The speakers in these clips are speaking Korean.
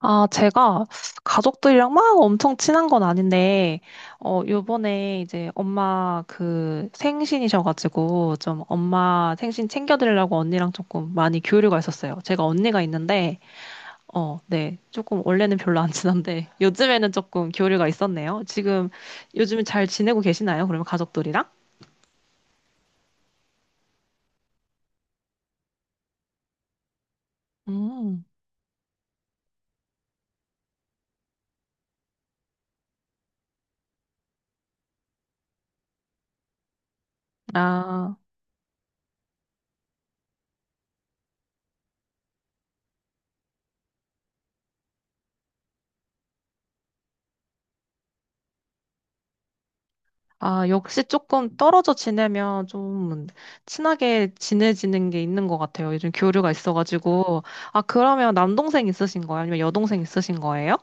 아, 제가 가족들이랑 막 엄청 친한 건 아닌데, 요번에 이제 엄마 그 생신이셔가지고, 좀 엄마 생신 챙겨드리려고 언니랑 조금 많이 교류가 있었어요. 제가 언니가 있는데, 어, 네. 조금 원래는 별로 안 친한데, 요즘에는 조금 교류가 있었네요. 지금, 요즘 잘 지내고 계시나요? 그러면 가족들이랑? 음, 아. 아, 역시 조금 떨어져 지내면 좀 친하게 지내지는 게 있는 것 같아요. 요즘 교류가 있어가지고. 아, 그러면 남동생 있으신 거예요? 아니면 여동생 있으신 거예요?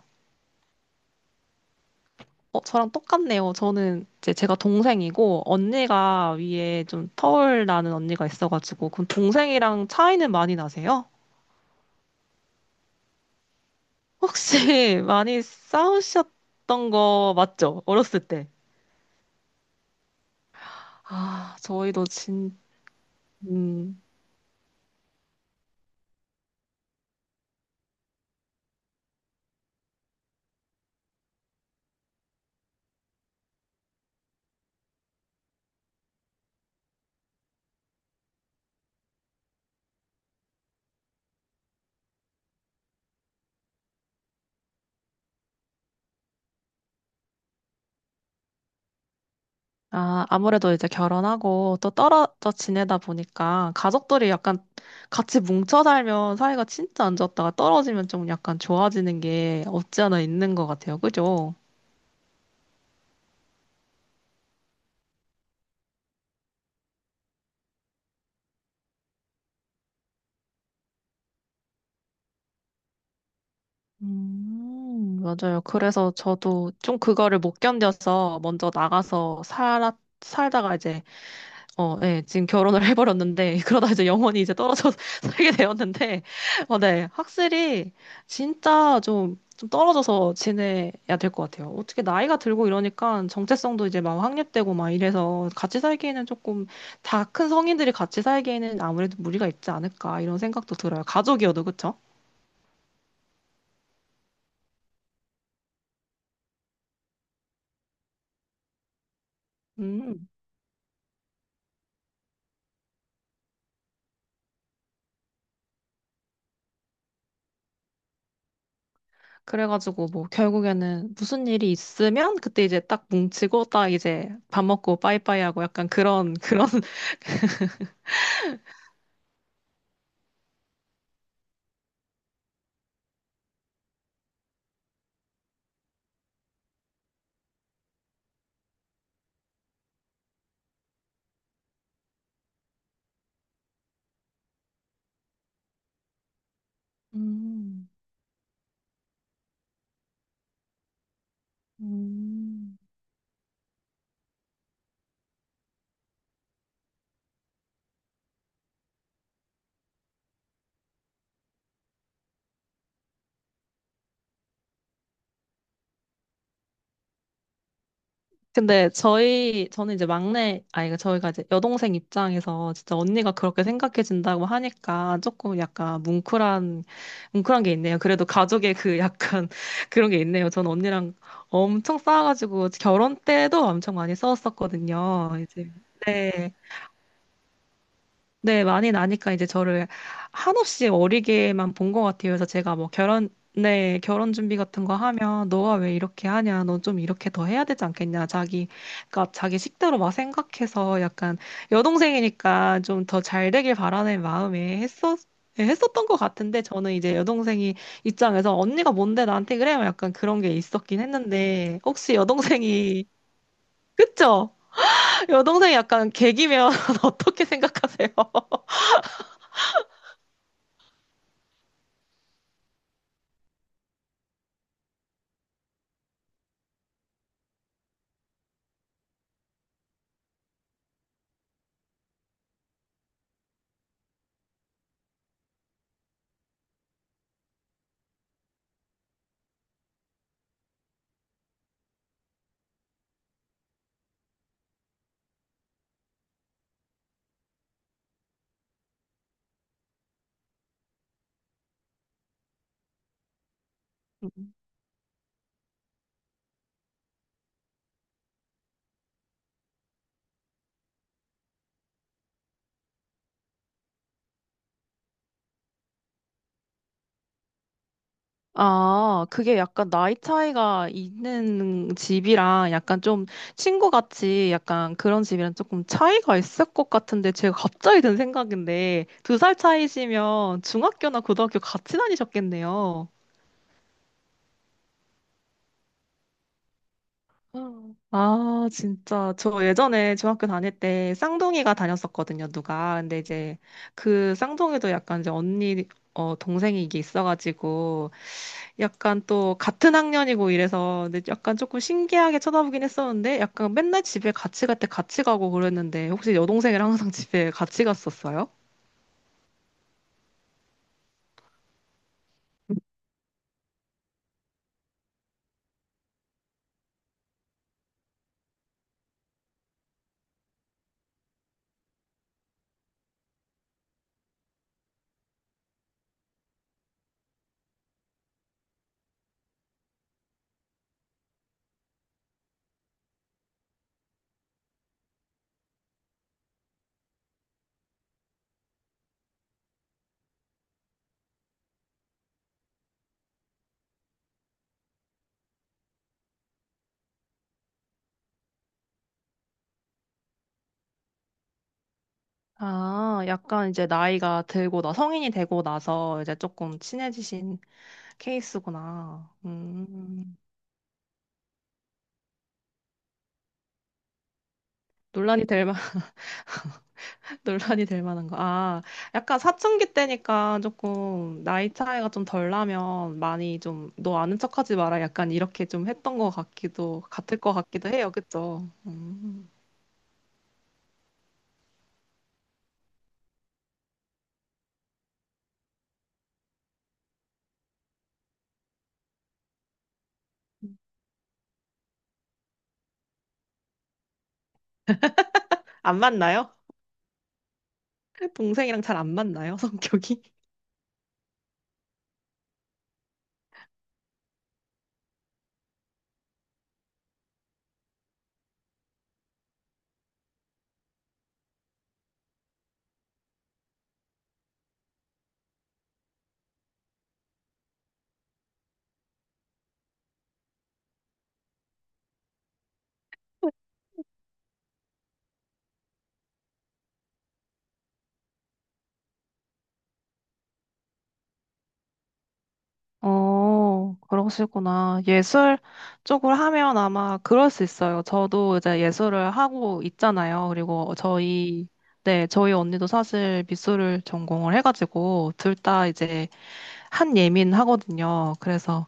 저랑 똑같네요. 저는 이제 제가 동생이고, 언니가 위에 좀 터울 나는 언니가 있어가지고, 그럼 동생이랑 차이는 많이 나세요? 혹시 많이 싸우셨던 거 맞죠? 어렸을 때. 아, 음. 아, 아무래도 이제 결혼하고 또 떨어져 지내다 보니까 가족들이 약간 같이 뭉쳐 살면 사이가 진짜 안 좋았다가 떨어지면 좀 약간 좋아지는 게 없지 않아 있는 것 같아요. 그죠? 맞아요. 그래서 저도 좀 그거를 못 견뎌서 살다가 이제 어, 네, 지금 결혼을 해버렸는데, 그러다 이제 영원히 이제 떨어져 서 살게 되었는데, 어, 네, 확실히 진짜 좀 떨어져서 지내야 될 것 같아요. 어떻게 나이가 들고 이러니까 정체성도 이제 막 확립되고 막 이래서 같이 살기에는 조금 다 큰 성인들이 같이 살기에는 아무래도 무리가 있지 않을까 이런 생각도 들어요. 가족이어도, 그쵸? 음, 그래가지고 뭐 결국에는 무슨 일이 있으면 그때 이제 딱 뭉치고 딱 이제 밥 먹고 빠이빠이 하고 약간 그런, 음. 음. 근데 저희 저는 이제 막내 아이가 저희가 이제 여동생 입장에서 진짜 언니가 그렇게 생각해준다고 하니까 조금 약간 뭉클한 게 있네요. 그래도 가족의 그 약간 그런 게 있네요. 전 언니랑 엄청 싸워가지고 결혼 때도 엄청 많이 싸웠었거든요. 이제 네. 네, 많이 나니까 이제 저를 한없이 어리게만 본 것 같아요. 그래서 네, 결혼 준비 같은 거 하면 너가 왜 이렇게 하냐? 넌 좀 이렇게 더 해야 되지 않겠냐? 그러니까 자기 식대로 막 생각해서 약간 여동생이니까 좀 더 잘 되길 바라는 마음에 예, 했었던 것 같은데 저는 이제 여동생이 입장에서 언니가 뭔데 나한테 그래? 약간 그런 게 있었긴 했는데 혹시 여동생이, 그쵸? 여동생이 약간 개기면 어떻게 생각하세요? 아, 그게 약간 나이 차이가 있는 집이랑 약간 좀 친구같이 약간 그런 집이랑 조금 차이가 있을 것 같은데 제가 갑자기 든 생각인데 두 살 차이시면 중학교나 고등학교 같이 다니셨겠네요. 음. 아, 진짜. 저 예전에 중학교 다닐 때 쌍둥이가 다녔었거든요, 누가. 근데 이제 그 쌍둥이도 약간 이제 어, 동생이 이게 있어가지고 약간 또 같은 학년이고 이래서 근데 약간 조금 신기하게 쳐다보긴 했었는데 약간 맨날 집에 같이 갈 때 같이 가고 그랬는데 혹시 여동생이랑 항상 집에 같이 갔었어요? 아, 약간 이제 나이가 들고 나 성인이 되고 나서 이제 조금 친해지신 케이스구나. 논란이 될 만. 논란이 될 만한 거. 아, 약간 사춘기 때니까 조금 나이 차이가 좀 덜 나면 많이 좀 너 아는 척하지 마라 약간 이렇게 좀 했던 것 같기도 같을 것 같기도 해요. 그쵸? 음. 안 맞나요? 동생이랑 잘 안 맞나요? 성격이? 어, 그러시구나. 예술 쪽을 하면 아마 그럴 수 있어요. 저도 이제 예술을 하고 있잖아요. 그리고 저희, 네, 저희 언니도 사실 미술을 전공을 해가지고 둘 다 이제 한 예민 하거든요. 그래서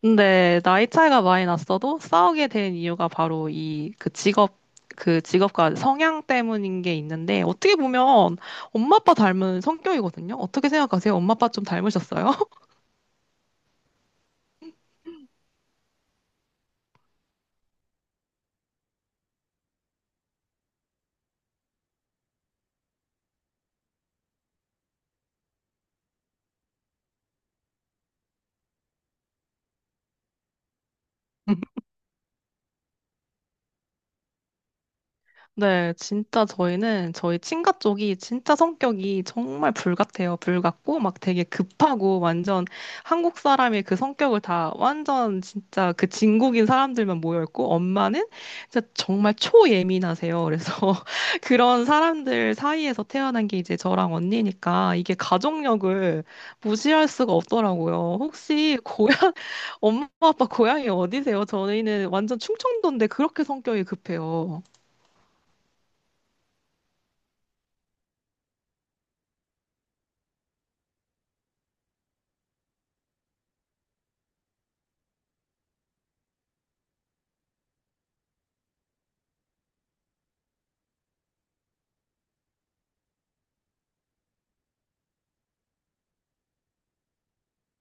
근데 나이 차이가 많이 났어도 싸우게 된 이유가 바로 이 그 직업 그 직업과 성향 때문인 게 있는데 어떻게 보면 엄마 아빠 닮은 성격이거든요. 어떻게 생각하세요? 엄마 아빠 좀 닮으셨어요? 네, 진짜 저희는 저희 친가 쪽이 진짜 성격이 정말 불 같아요. 불 같고 막 되게 급하고 완전 한국 사람의 그 성격을 다 완전 진짜 그 진국인 사람들만 모여 있고 엄마는 진짜 정말 초예민하세요. 그래서 그런 사람들 사이에서 태어난 게 이제 저랑 언니니까 이게 가족력을 무시할 수가 없더라고요. 혹시 고향 엄마 아빠 고향이 어디세요? 저희는 완전 충청도인데 그렇게 성격이 급해요.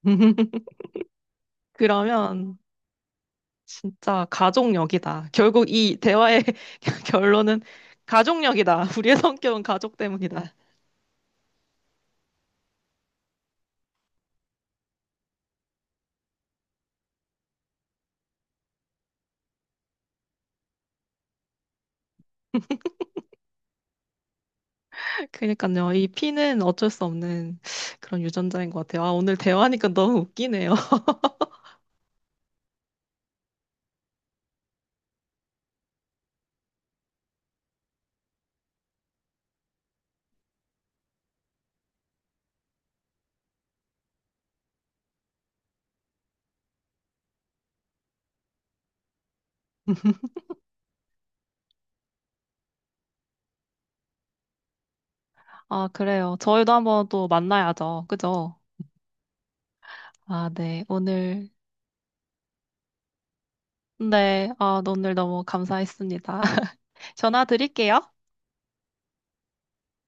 그러면 진짜 가족력이다. 결국 이 대화의 결론은 가족력이다. 우리의 성격은 가족 때문이다. 그러니까요. 이 피는 어쩔 수 없는 그런 유전자인 것 같아요. 아, 오늘 대화하니까 너무 웃기네요. 아, 그래요. 저희도 한번 또 만나야죠. 그죠? 아, 네. 오늘, 네. 아, 오늘 너무 감사했습니다. 전화 드릴게요.